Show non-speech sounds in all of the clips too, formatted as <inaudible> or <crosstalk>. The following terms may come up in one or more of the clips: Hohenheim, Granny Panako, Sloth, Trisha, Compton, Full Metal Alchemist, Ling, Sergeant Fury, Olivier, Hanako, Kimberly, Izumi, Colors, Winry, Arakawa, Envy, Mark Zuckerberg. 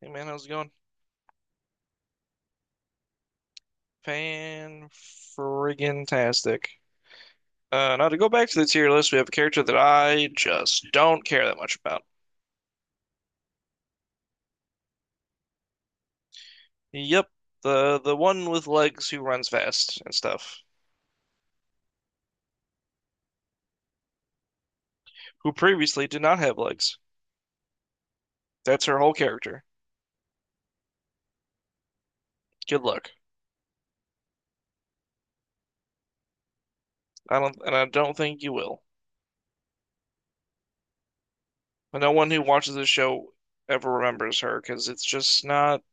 Hey, man, how's it going? Fan friggin' tastic. Now to go back to the tier list, we have a character that I just don't care that much about. Yep, the one with legs who runs fast and stuff, who previously did not have legs. That's her whole character. Good luck. I don't, and I don't think you will. But no one who watches this show ever remembers her because it's just not.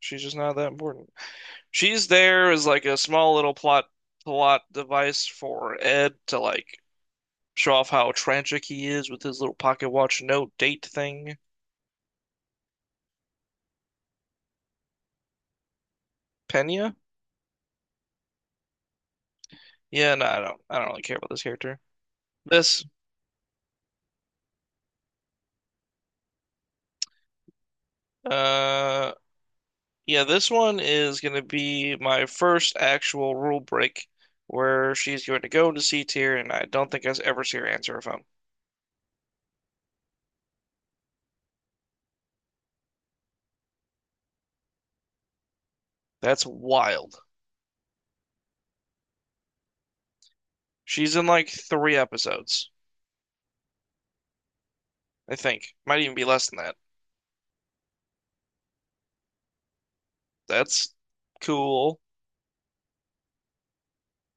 She's just not that important. She's there as like a small little plot device for Ed to like show off how tragic he is with his little pocket watch note date thing. Pena? Yeah, no, I don't really care about this character. This uh yeah, this one is gonna be my first actual rule break where she's going to go into C tier and I don't think I ever see her answer her phone. That's wild. She's in like three episodes, I think. Might even be less than that. That's cool.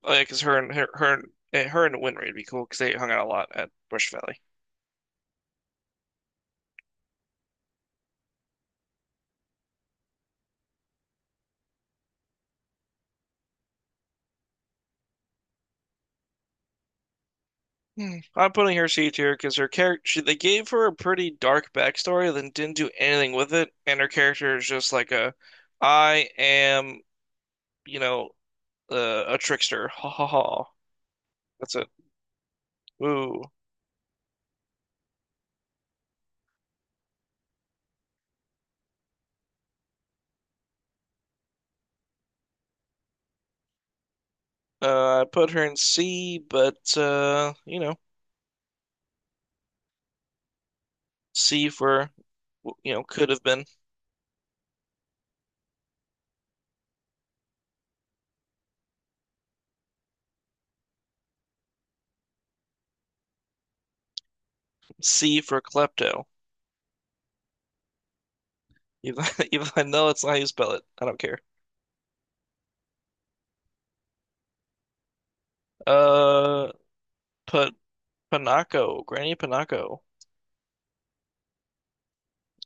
Oh, yeah, cause her and her her and, eh, her and Winry would be cool because they hung out a lot at Bush Valley. Hmm. I'm putting her C tier because her character they gave her a pretty dark backstory, then didn't do anything with it, and her character is just like a, I am, you know, a trickster. <laughs> Ha ha ha. That's it. Ooh. I put her in C, but C for could have been C for klepto. Even <laughs> even though I know it's not how you spell it. I don't care. Uh, Put Panako, Granny Panako.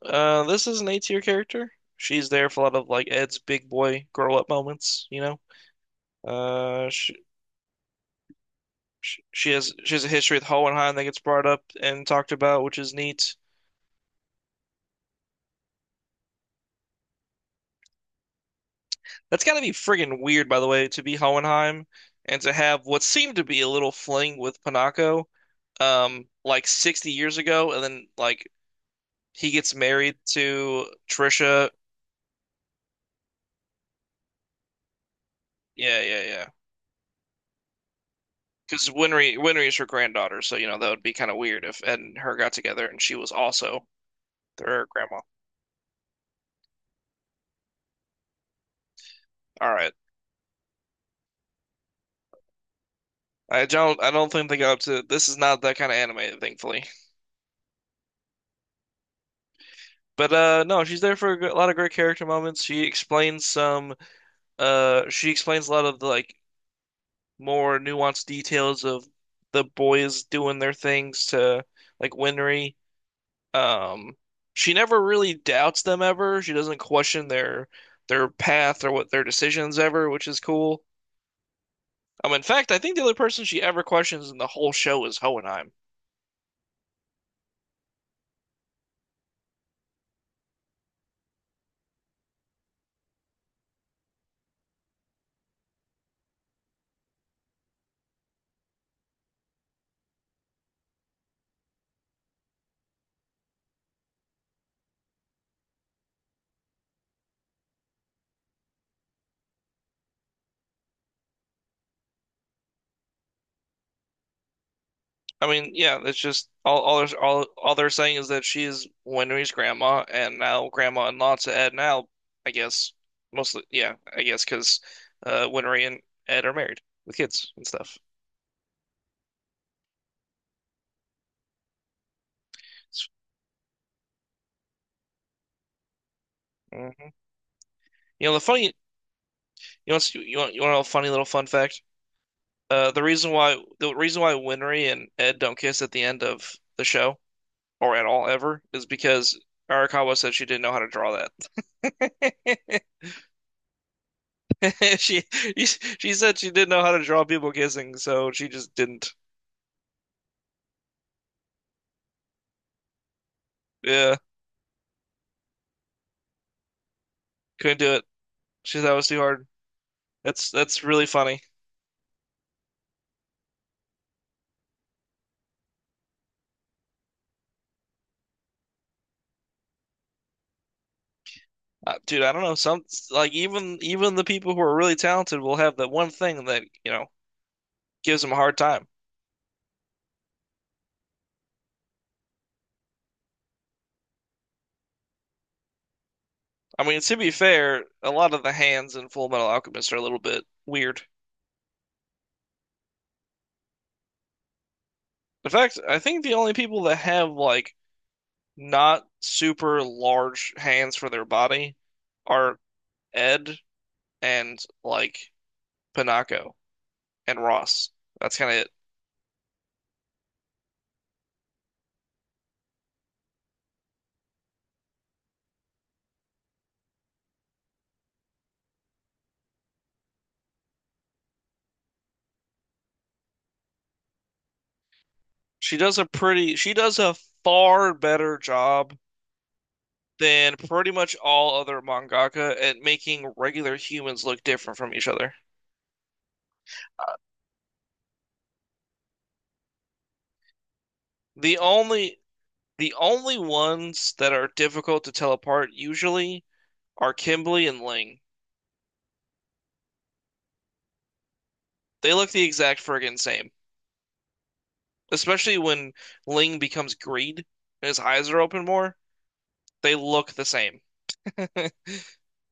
This is an A tier character. She's there for a lot of like Ed's big boy grow up moments, you know. Uh, she, she has a history with Hohenheim that gets brought up and talked about, which is neat. That's gotta be friggin' weird, by the way, to be Hohenheim and to have what seemed to be a little fling with Panako, like 60 years ago, and then like he gets married to Trisha. Yeah, yeah, yeah. Because Winry is her granddaughter, so you know that would be kind of weird if Ed and her got together and she was also their grandma. All right. I don't think they go up to. This is not that kind of anime, thankfully. But no, she's there for a lot of great character moments. She explains some. She explains a lot of the like more nuanced details of the boys doing their things to like Winry. Um, she never really doubts them ever. She doesn't question their path or what their decisions ever, which is cool. In fact, I think the only person she ever questions in the whole show is Hohenheim. I mean, yeah, it's just all they're saying is that she is Winry's grandma, and now grandma and Lot's of Ed now, I guess. Mostly, yeah, I guess because Winry and Ed are married with kids and stuff. Hmm. You know the funny, you know, what's- You want to know a funny little fun fact? The reason why Winry and Ed don't kiss at the end of the show or at all ever is because Arakawa said she didn't know how to draw that. <laughs> <laughs> She she said she didn't know how to draw people kissing, so she just didn't. Yeah, couldn't do it. She thought it was too hard. That's really funny. Dude, I don't know. Some like even the people who are really talented will have that one thing that gives them a hard time. I mean, to be fair, a lot of the hands in Full Metal Alchemist are a little bit weird. In fact, I think the only people that have like not super large hands for their body are Ed and like Panako. And Ross. That's kind of it. She does a pretty, she does a far better job than pretty much all other mangaka at making regular humans look different from each other. The only the only ones that are difficult to tell apart usually are Kimberly and Ling. They look the exact friggin' same. Especially when Ling becomes Greed and his eyes are open more, they look the same. <laughs>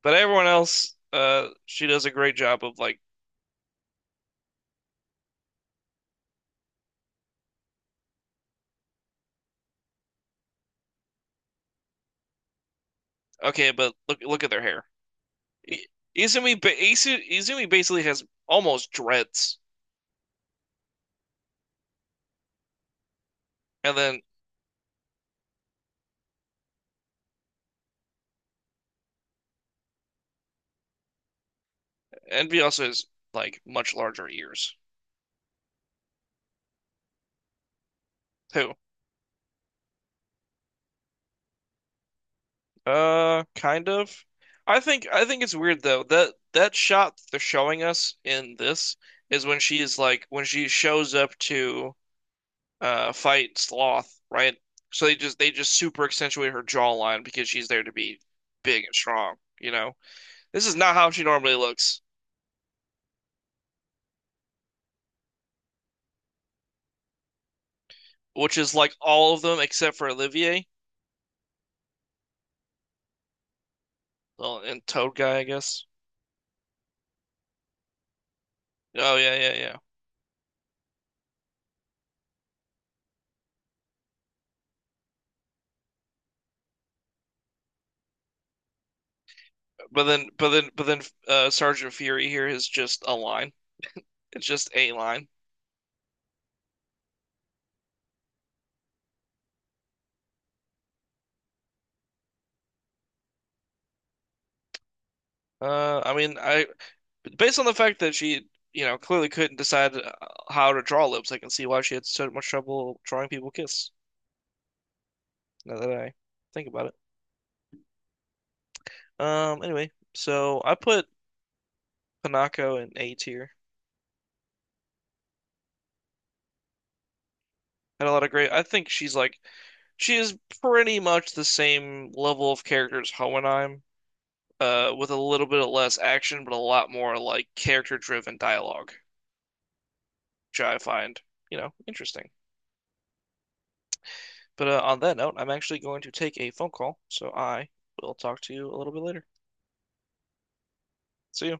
But everyone else, she does a great job of like, okay, but look at their hair. I- Izumi ba Izumi basically has almost dreads, and then Envy also has like much larger ears too. Kind of. I think it's weird though that that shot they're showing us in this is when she is like when she shows up to fight Sloth, right? So they just super accentuate her jawline because she's there to be big and strong, you know? This is not how she normally looks, which is like all of them except for Olivier. Well, and Toad guy, I guess. Oh, yeah, yeah, yeah. But then, Sergeant Fury here is just a line. It's just a line. I mean, I based on the fact that she clearly couldn't decide how to draw lips, I can see why she had so much trouble drawing people kiss. Now that I think about it. Anyway, so I put Hanako in A tier. Had a lot of great. I think she is pretty much the same level of character as Hohenheim with a little bit of less action, but a lot more like character-driven dialogue, which I find interesting. But on that note, I'm actually going to take a phone call, so I will talk to you a little bit later. See you.